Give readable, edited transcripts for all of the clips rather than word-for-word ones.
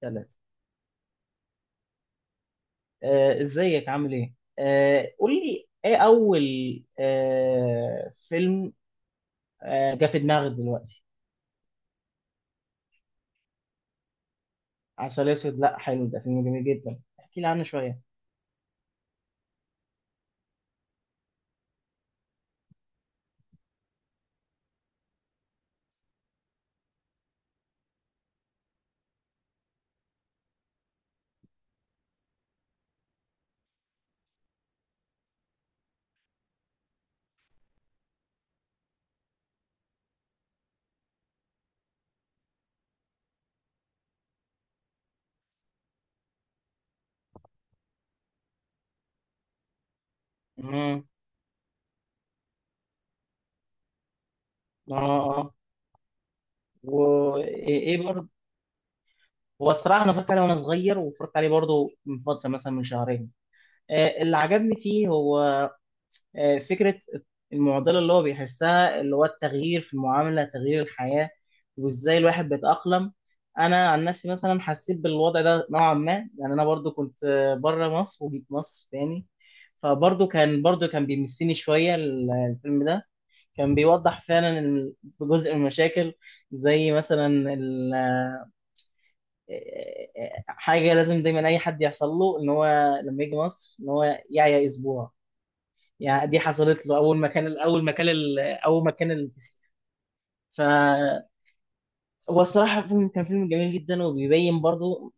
ثلاثة. ازيك، عامل ايه؟ قول لي ايه اول فيلم جه في دماغك دلوقتي؟ عسل اسود؟ لا، حلو، ده فيلم جميل جدا، احكي لي عنه شوية. امم اه. اه. وايه برضه؟ هو الصراحة انا اتفرجت عليه وانا صغير، واتفرجت عليه برضه من فترة، مثلا من شهرين. اللي عجبني فيه هو فكرة المعضلة اللي هو بيحسها، اللي هو التغيير في المعاملة، تغيير الحياة، وازاي الواحد بيتأقلم. انا عن نفسي مثلا حسيت بالوضع ده نوعا ما، يعني انا برضو كنت بره مصر وجيت مصر تاني، فبرضو كان بيمسني شوية الفيلم ده. كان بيوضح فعلا جزء من المشاكل، زي مثلا ال- آه، آه، حاجة لازم دايما اي حد يحصل له، ان هو لما يجي مصر ان هو يعيا اسبوع. يعني دي حصلت له اول ما كان الكسي. ف هو الصراحه، كان فيلم جميل جدا، وبيبين برضو،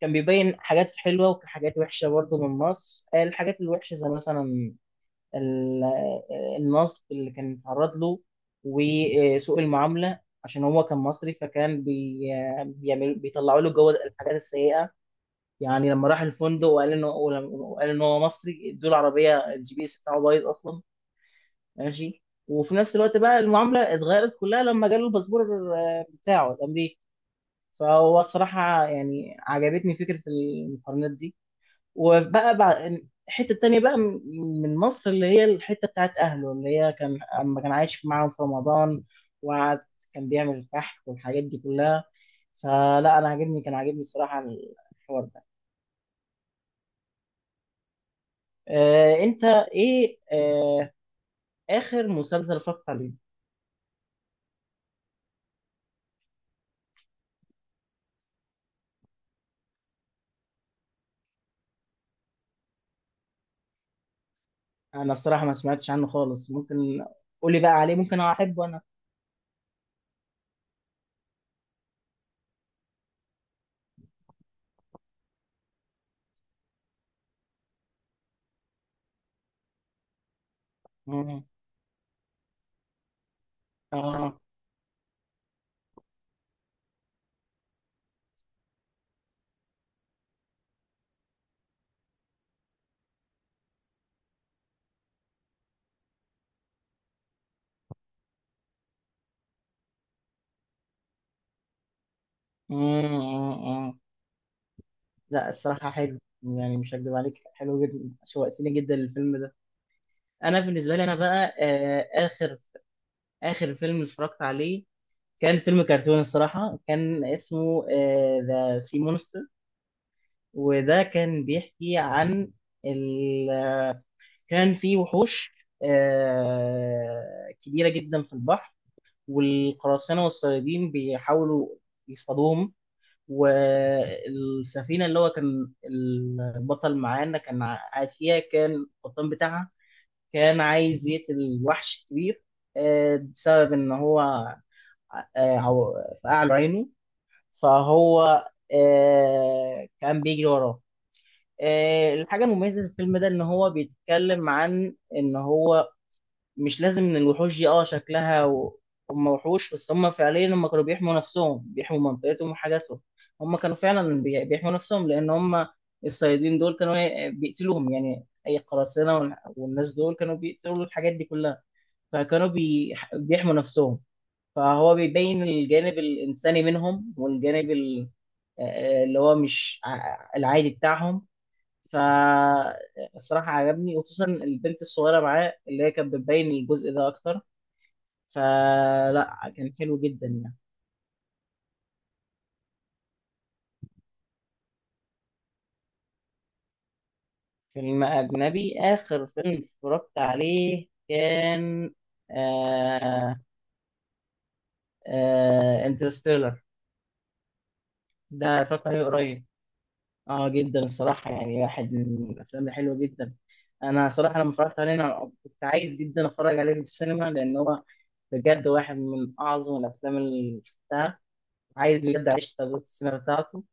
كان بيبين حاجات حلوه وحاجات وحشه برضو من مصر. الحاجات الوحشه زي مثلا ال- النصب اللي كان اتعرض له، وسوء المعامله، عشان هو كان مصري، فكان بي... بيعمل بيطلعوا له جوه الحاجات السيئه. يعني لما راح الفندق وقال انه هو مصري، ادوا له عربيه الجي بي اس بتاعه بايظ اصلا، ماشي. وفي نفس الوقت بقى المعامله اتغيرت كلها لما جاله الباسبور بتاعه الامريكي. فهو الصراحه يعني عجبتني فكره المقارنات دي. وبقى بعد الحته التانيه بقى من مصر، اللي هي الحته بتاعت اهله، اللي هي اما كان عايش معاهم في رمضان، وقعد كان بيعمل الكحك والحاجات دي كلها. فلا انا عاجبني، كان عاجبني الصراحه الحوار ده. انت، ايه اخر مسلسل اتفرجت عليه؟ انا الصراحه ما سمعتش عنه خالص، ممكن قولي بقى عليه، ممكن احبه انا. مم. اه. مم. مم. مم. لا الصراحه حلو، يعني مش هكدب عليك، حلو جدا، شوقتني جدا للفيلم ده. انا بالنسبه لي انا بقى اخر فيلم اتفرجت عليه كان فيلم كرتون الصراحه، كان اسمه ذا سي مونستر. وده كان بيحكي عن ال... كان في وحوش كبيره جدا في البحر، والقراصنة والصيادين بيحاولوا يصطادوهم، والسفينة اللي هو كان البطل معانا كان قاعد فيها، كان القبطان بتاعها كان عايز يقتل الوحش الكبير، بسبب إن هو آه، عو- فقع له عينه. فهو كان بيجري وراه. الحاجة المميزة في الفيلم ده إن هو بيتكلم عن إن هو مش لازم ان الوحوش دي شكلها هم وحوش، بس هم فعليا هم كانوا بيحموا نفسهم، بيحموا منطقتهم وحاجاتهم. هم كانوا فعلا بيحموا نفسهم، لان هم الصيادين دول كانوا بيقتلوهم، يعني اي قراصنة والناس دول كانوا بيقتلوا الحاجات دي كلها، فكانوا بيحموا نفسهم. فهو بيبين الجانب الانساني منهم، والجانب ال... آه، اللي هو مش العادي بتاعهم. فالصراحة عجبني، وخصوصا البنت الصغيرة معاه اللي هي كانت بتبين الجزء ده أكتر، فلا كان حلو جدا يعني. فيلم أجنبي؟ آخر فيلم اتفرجت عليه كان آه انترستيلر. ده اتفرجت عليه قريب. اه، جدا الصراحة، يعني واحد من الأفلام الحلوة جدا. أنا صراحة لما اتفرجت عليه، أنا كنت عايز جدا أتفرج عليه في السينما، لأن هو بجد واحد من أعظم الأفلام اللي شفتها، عايز بجد أعيش تجربة السينما بتاعته.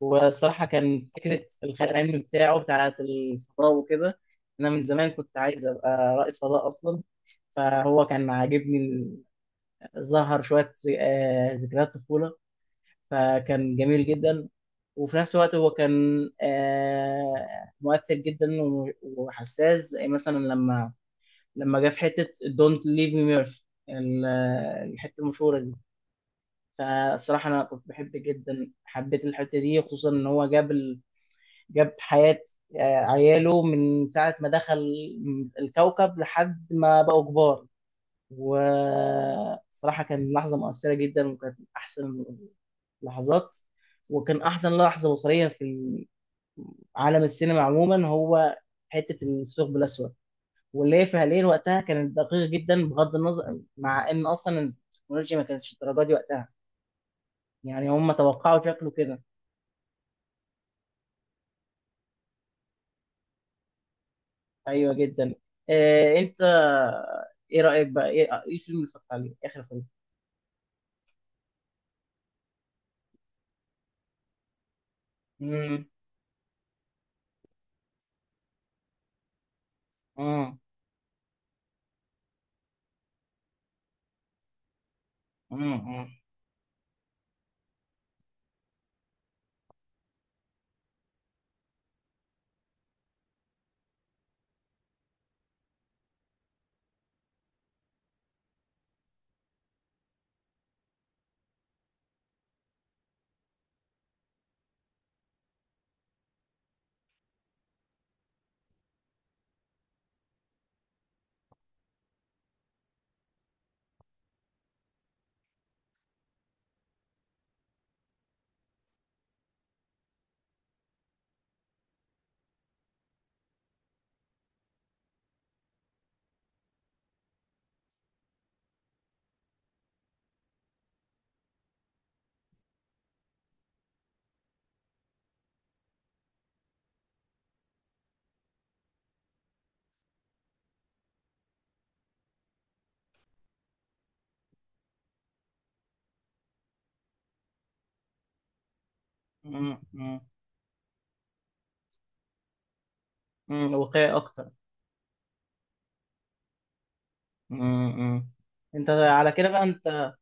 والصراحة كان فكرة الخيال العلمي بتاعه، بتاعة الفضاء وكده، أنا من زمان كنت عايز أبقى رائد فضاء أصلا، فهو كان عاجبني، ظهر شوية ذكريات طفولة، فكان جميل جدا. وفي نفس الوقت هو كان مؤثر جدا وحساس، زي مثلا لما جه في حتة Don't Leave Me Murphy، ال- الحتة المشهورة دي. فالصراحة أنا كنت بحب جدا، حبيت الحتة دي، خصوصا إن هو جاب حياة عياله من ساعة ما دخل الكوكب لحد ما بقوا كبار. وصراحة كان لحظة مؤثرة جدا، وكانت من أحسن لحظات. وكان أحسن لحظة بصرية في عالم السينما عموما هو حتة الثقب الأسود، واللي هي فعليا وقتها كانت دقيقة جدا، بغض النظر مع إن أصلا التكنولوجيا ما كانتش الدرجة دي وقتها، يعني هم توقعوا شكله كده. ايوه جدا. انت، ايه رايك بقى؟ إيه الفيلم اللي اتفرجت عليه، اخر فيلم؟ مم. مم. مم. مم. مم. مم، واقعي اكتر. مم. مم. انت على كده بقى انت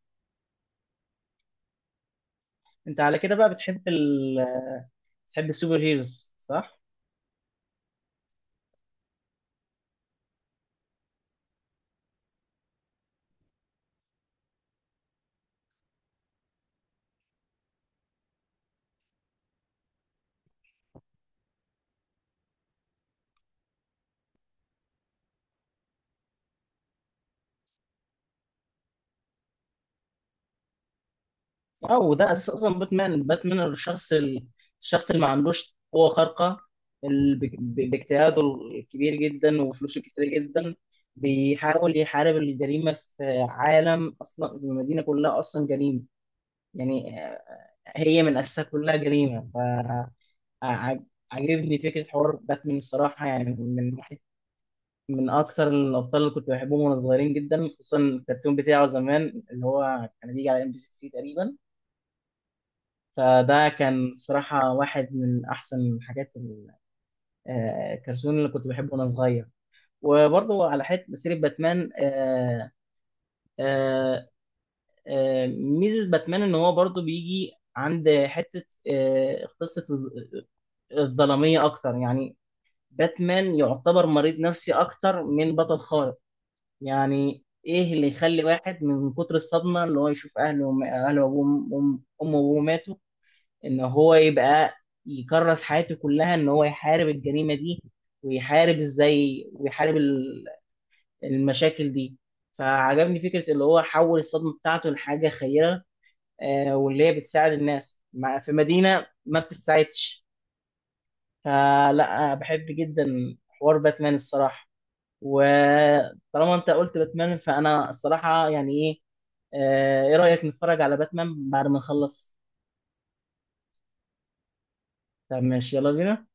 انت على كده بقى بتحب السوبر هيروز، صح؟ اه، وده اساس اصلا باتمان. باتمان الشخص الشخص اللي ما عندوش قوه خارقه، اللي باجتهاده الكبير جدا وفلوسه كتير جدا، بيحاول يحارب الجريمه في عالم اصلا المدينه كلها اصلا جريمه، يعني هي من اساسها كلها جريمه. فعجبني فكره حوار باتمان الصراحه، يعني من واحد من اكثر الابطال اللي فده كان صراحة واحد من أحسن حاجات الكرتون اللي كنت بحبه وأنا صغير. وبرضه على حتة سيرة باتمان، آه، ميزة باتمان إن هو برضه بيجي عند حتة قصة الظلامية أكتر. يعني باتمان يعتبر مريض نفسي أكتر من بطل خارق. يعني إيه اللي يخلي واحد من كتر الصدمة اللي هو يشوف أهله أمه وأبوه ماتوا، ان هو يبقى يكرس حياته كلها ان هو يحارب الجريمة دي، ويحارب ازاي، ويحارب المشاكل دي. فعجبني فكرة اللي هو حول الصدمة بتاعته لحاجة خيرة، واللي هي بتساعد الناس في مدينة ما بتتساعدش. فلا بحب جدا حوار باتمان الصراحة. وطالما انت قلت باتمان، فانا الصراحة، يعني ايه رأيك نتفرج على باتمان بعد ما نخلص؟ طب ماشي، يلا بينا.